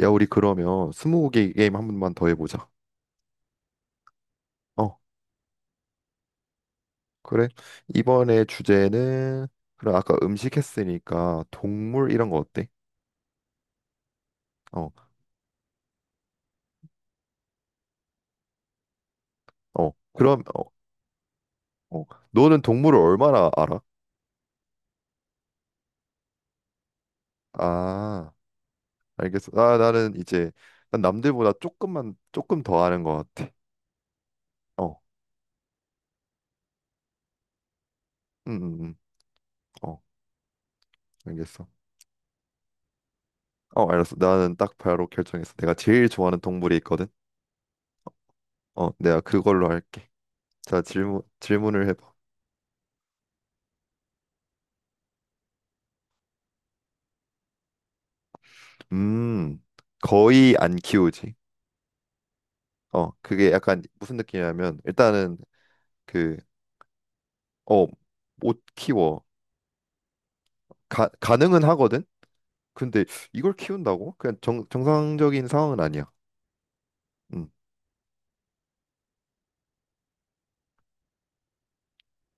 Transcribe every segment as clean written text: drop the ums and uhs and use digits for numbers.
야, 우리 그러면 스무고개 게임 한 번만 더 해보자. 어, 그래. 이번에 주제는 그럼 아까 음식 했으니까 동물 이런 거 어때? 어, 어. 그럼 어. 너는 동물을 얼마나 알아? 아, 알겠어. 아, 나는 이제 난 남들보다 조금 더 아는 것 같아. 어, 음, 음, 음. 어, 알겠어. 어, 알았어. 나는 딱 바로 결정했어. 내가 제일 좋아하는 동물이 있거든. 어, 내가 그걸로 할게. 자, 질문을 해봐. 음, 거의 안 키우지. 그게 약간 무슨 느낌이냐면, 일단은 그, 어, 못 키워. 가능은 하거든? 근데 이걸 키운다고? 그냥 정상적인 상황은 아니야. 음,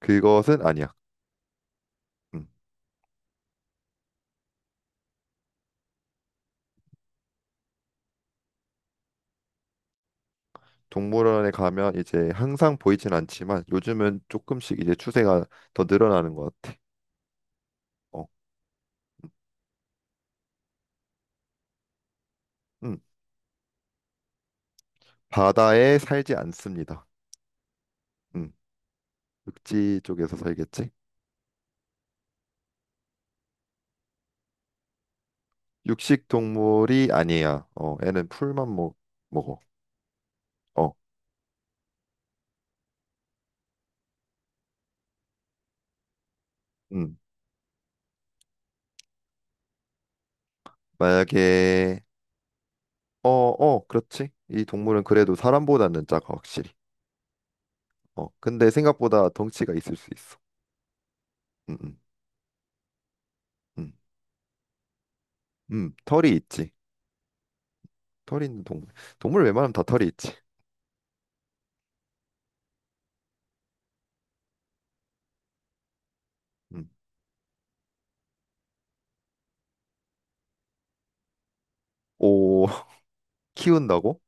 그것은 아니야. 음, 동물원에 가면 이제 항상 보이진 않지만, 요즘은 조금씩 이제 추세가 더 늘어나는 것 같아. 어, 음, 바다에 살지 않습니다. 음, 육지 쪽에서 살겠지? 육식 동물이 아니야. 애는 풀만 먹어. 어, 음, 만약에, 그렇지. 이 동물은 그래도 사람보다는 작아, 확실히. 근데 생각보다 덩치가 있을 수 있어. 음, 음, 음, 털이 있지. 털이 있는 동물. 동물 웬만하면 다 털이 있지. 음. 오, 키운다고?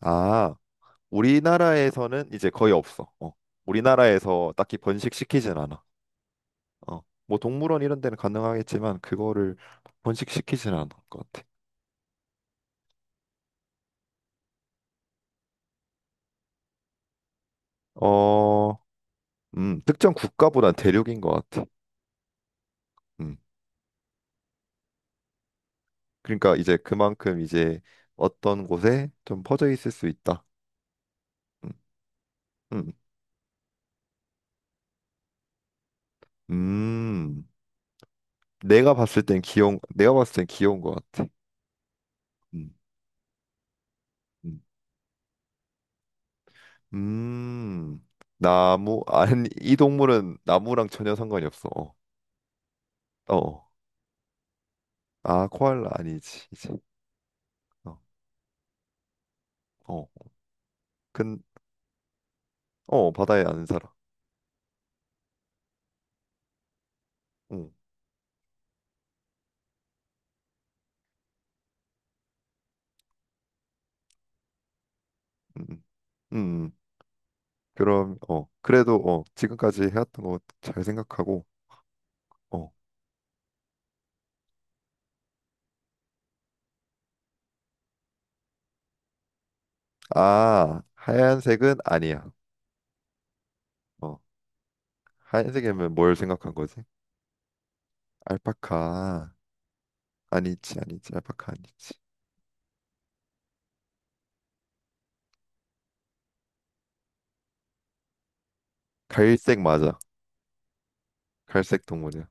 아, 우리나라에서는 이제 거의 없어. 우리나라에서 딱히 번식시키진 않아. 어, 뭐 동물원 이런 데는 가능하겠지만 그거를 번식시키진 않을 것 같아. 어, 특정 국가보단 대륙인 것 같아. 음. 그러니까 이제 그만큼 이제 어떤 곳에 좀 퍼져 있을 수 있다. 음, 음, 음. 내가 봤을 땐 귀여운 것 같아. 음, 음. 음. 아니, 이 동물은 나무랑 전혀 상관이 없어. 어, 어. 아, 코알라 아니지, 이제. 어, 어. 근, 바다에 안 살아. 람 음. 음. 그럼, 그래도, 지금까지 해왔던 거 잘 생각하고, 어. 아, 하얀색은 아니야. 어. 하얀색이면 뭘 생각한 거지? 알파카. 아니지, 아니지. 알파카 아니지. 갈색 맞아. 갈색 동물이야.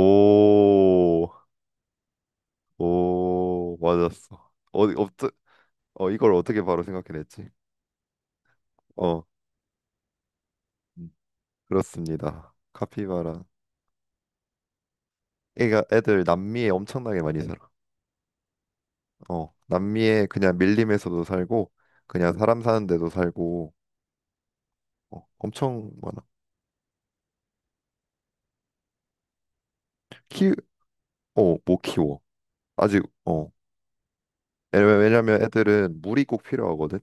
어오오. 맞았어. 어디 없어. 어, 이걸 어떻게 바로 생각해냈지. 어. 음, 그렇습니다. 카피바라. 애가 애들 남미에 엄청나게 많이 살아. 남미에 그냥 밀림에서도 살고, 그냥 사람 사는 데도 살고, 엄청 많아. 키어 못 키워. 아직. 어. 왜냐면 애들은 물이 꼭 필요하거든.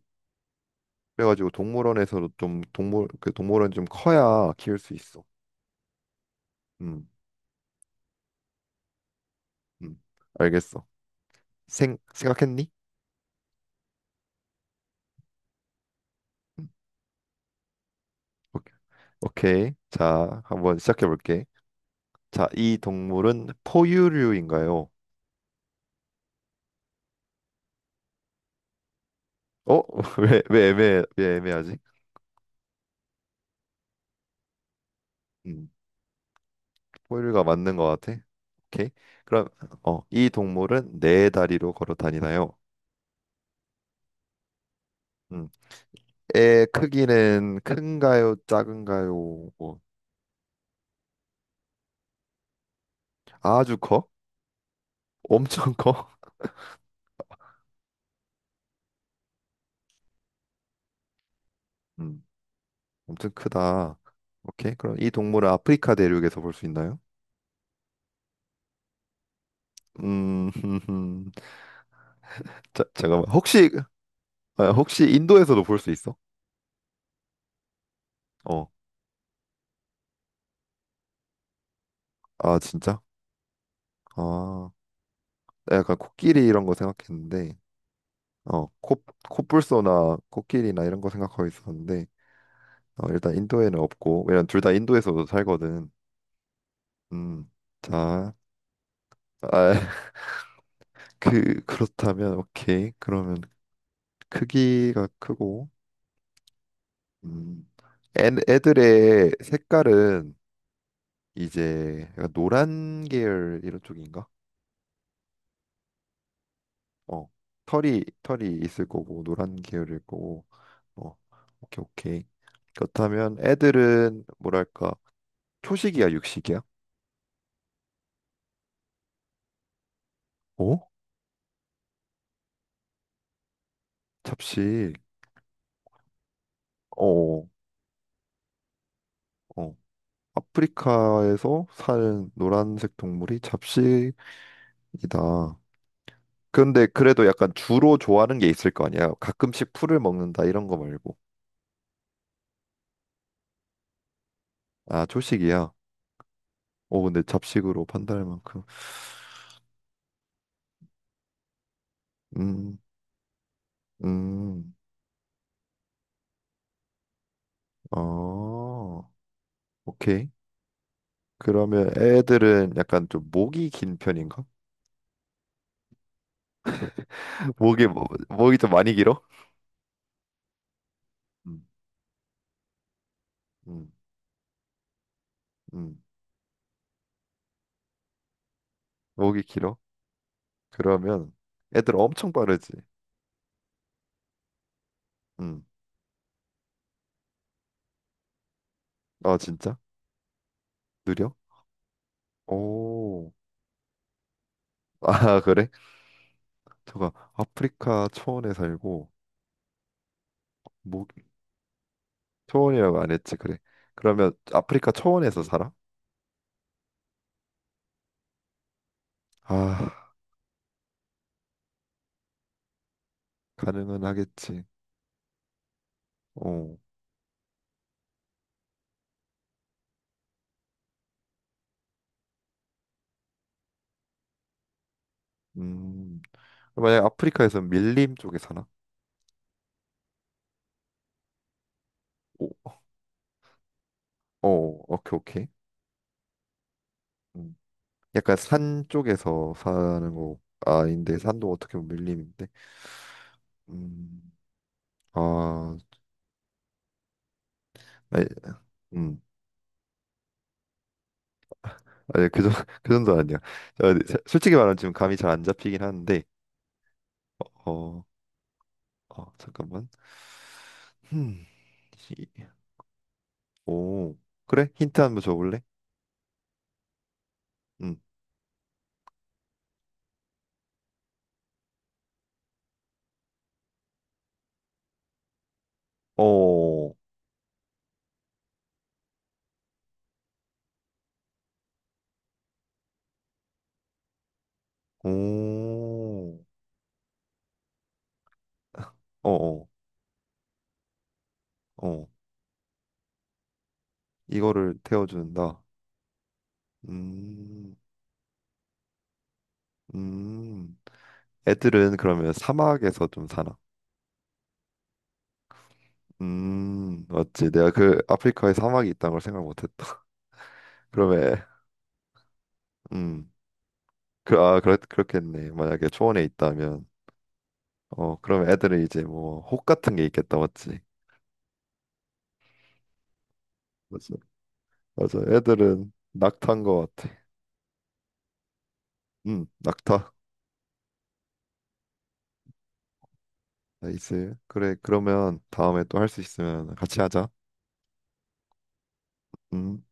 그래가지고 동물원에서도 좀 동물원 좀 커야 키울 수 있어. 음, 음, 알겠어. 생 생각했니? 음, 오케이. 오케이. 자, 한번 시작해 볼게. 자, 이 동물은 포유류인가요? 어? 왜 애매하지? 음, 포유류가 맞는 것 같아. 오케이. 그럼 이 동물은 네 다리로 걸어 다니나요? 음, 애 크기는 큰가요? 작은가요? 뭐 아주 커? 엄청 커? 음, 엄청 크다. 오케이. 그럼 이 동물은 아프리카 대륙에서 볼 수 있나요? 음, 자, 잠깐만. 혹시, 아, 혹시 인도에서도 볼 수 있어? 어. 아, 진짜? 아, 나 약간 코끼리 이런 거 생각했는데, 어, 코, 코뿔소나 코끼리나 이런 거 생각하고 있었는데, 일단 인도에는 없고, 왜냐면 둘 다 인도에서도 살거든. 음, 자, 아, 그렇다면, 오케이. 그러면 크기가 크고, 음, 애들의 색깔은 이제 약간 노란 계열 이런 쪽인가? 어, 털이 있을 거고 노란 계열일 거고. 어, 오케이, 오케이. 그렇다면 애들은 뭐랄까 초식이야 육식이야? 어? 잡식. 어, 어. 어. 아프리카에서 사는 노란색 동물이 잡식이다. 근데 그래도 약간 주로 좋아하는 게 있을 거 아니야? 가끔씩 풀을 먹는다 이런 거 말고. 아, 초식이야. 오, 근데 잡식으로 판단할 만큼. 음, 음, 어, 오케이. 그러면 애들은 약간 좀 목이 긴 편인가? 목이 좀 많이 길어? 음, 음, 음. 목이 길어? 그러면 애들 엄청 빠르지? 음, 아, 진짜? 느려? 오, 아, 그래? 저가 아프리카 초원에 살고, 목, 초원이라고 안 했지, 그래. 그러면 아프리카 초원에서 살아? 아, 가능은 하겠지. 어, 음. 만약 아프리카에서 밀림 쪽에 사나? 오, 어, 오케이, 오케이. 음. 약간 산 쪽에서 사는 거 아, 아닌데 산도 어떻게 보면 밀림인데. 음, 아, 아니, 음, 아니 그정 그 정도 아니야. 아, 네, 자, 솔직히 말하면 지금 감이 잘 안 잡히긴 하는데. 어, 어, 잠깐만. 음, 이- 오, 그래? 힌트 한 번 줘볼래? 음, 어, 오, 어, 어, 어, 이거를 태워준다. 음. 음, 애들은 그러면 사막에서 좀 사나? 맞지. 내가 그 아프리카에 사막이 있다는 걸 생각 못했다. 그러면, 음, 그렇겠네. 만약에 초원에 있다면, 그럼 애들은 이제 뭐, 혹 같은 게 있겠다, 맞지? 맞아. 맞아. 애들은 낙타인 것 같아. 낙타. 나이스. 그래, 그러면 다음에 또 할 수 있으면 같이 하자. 음.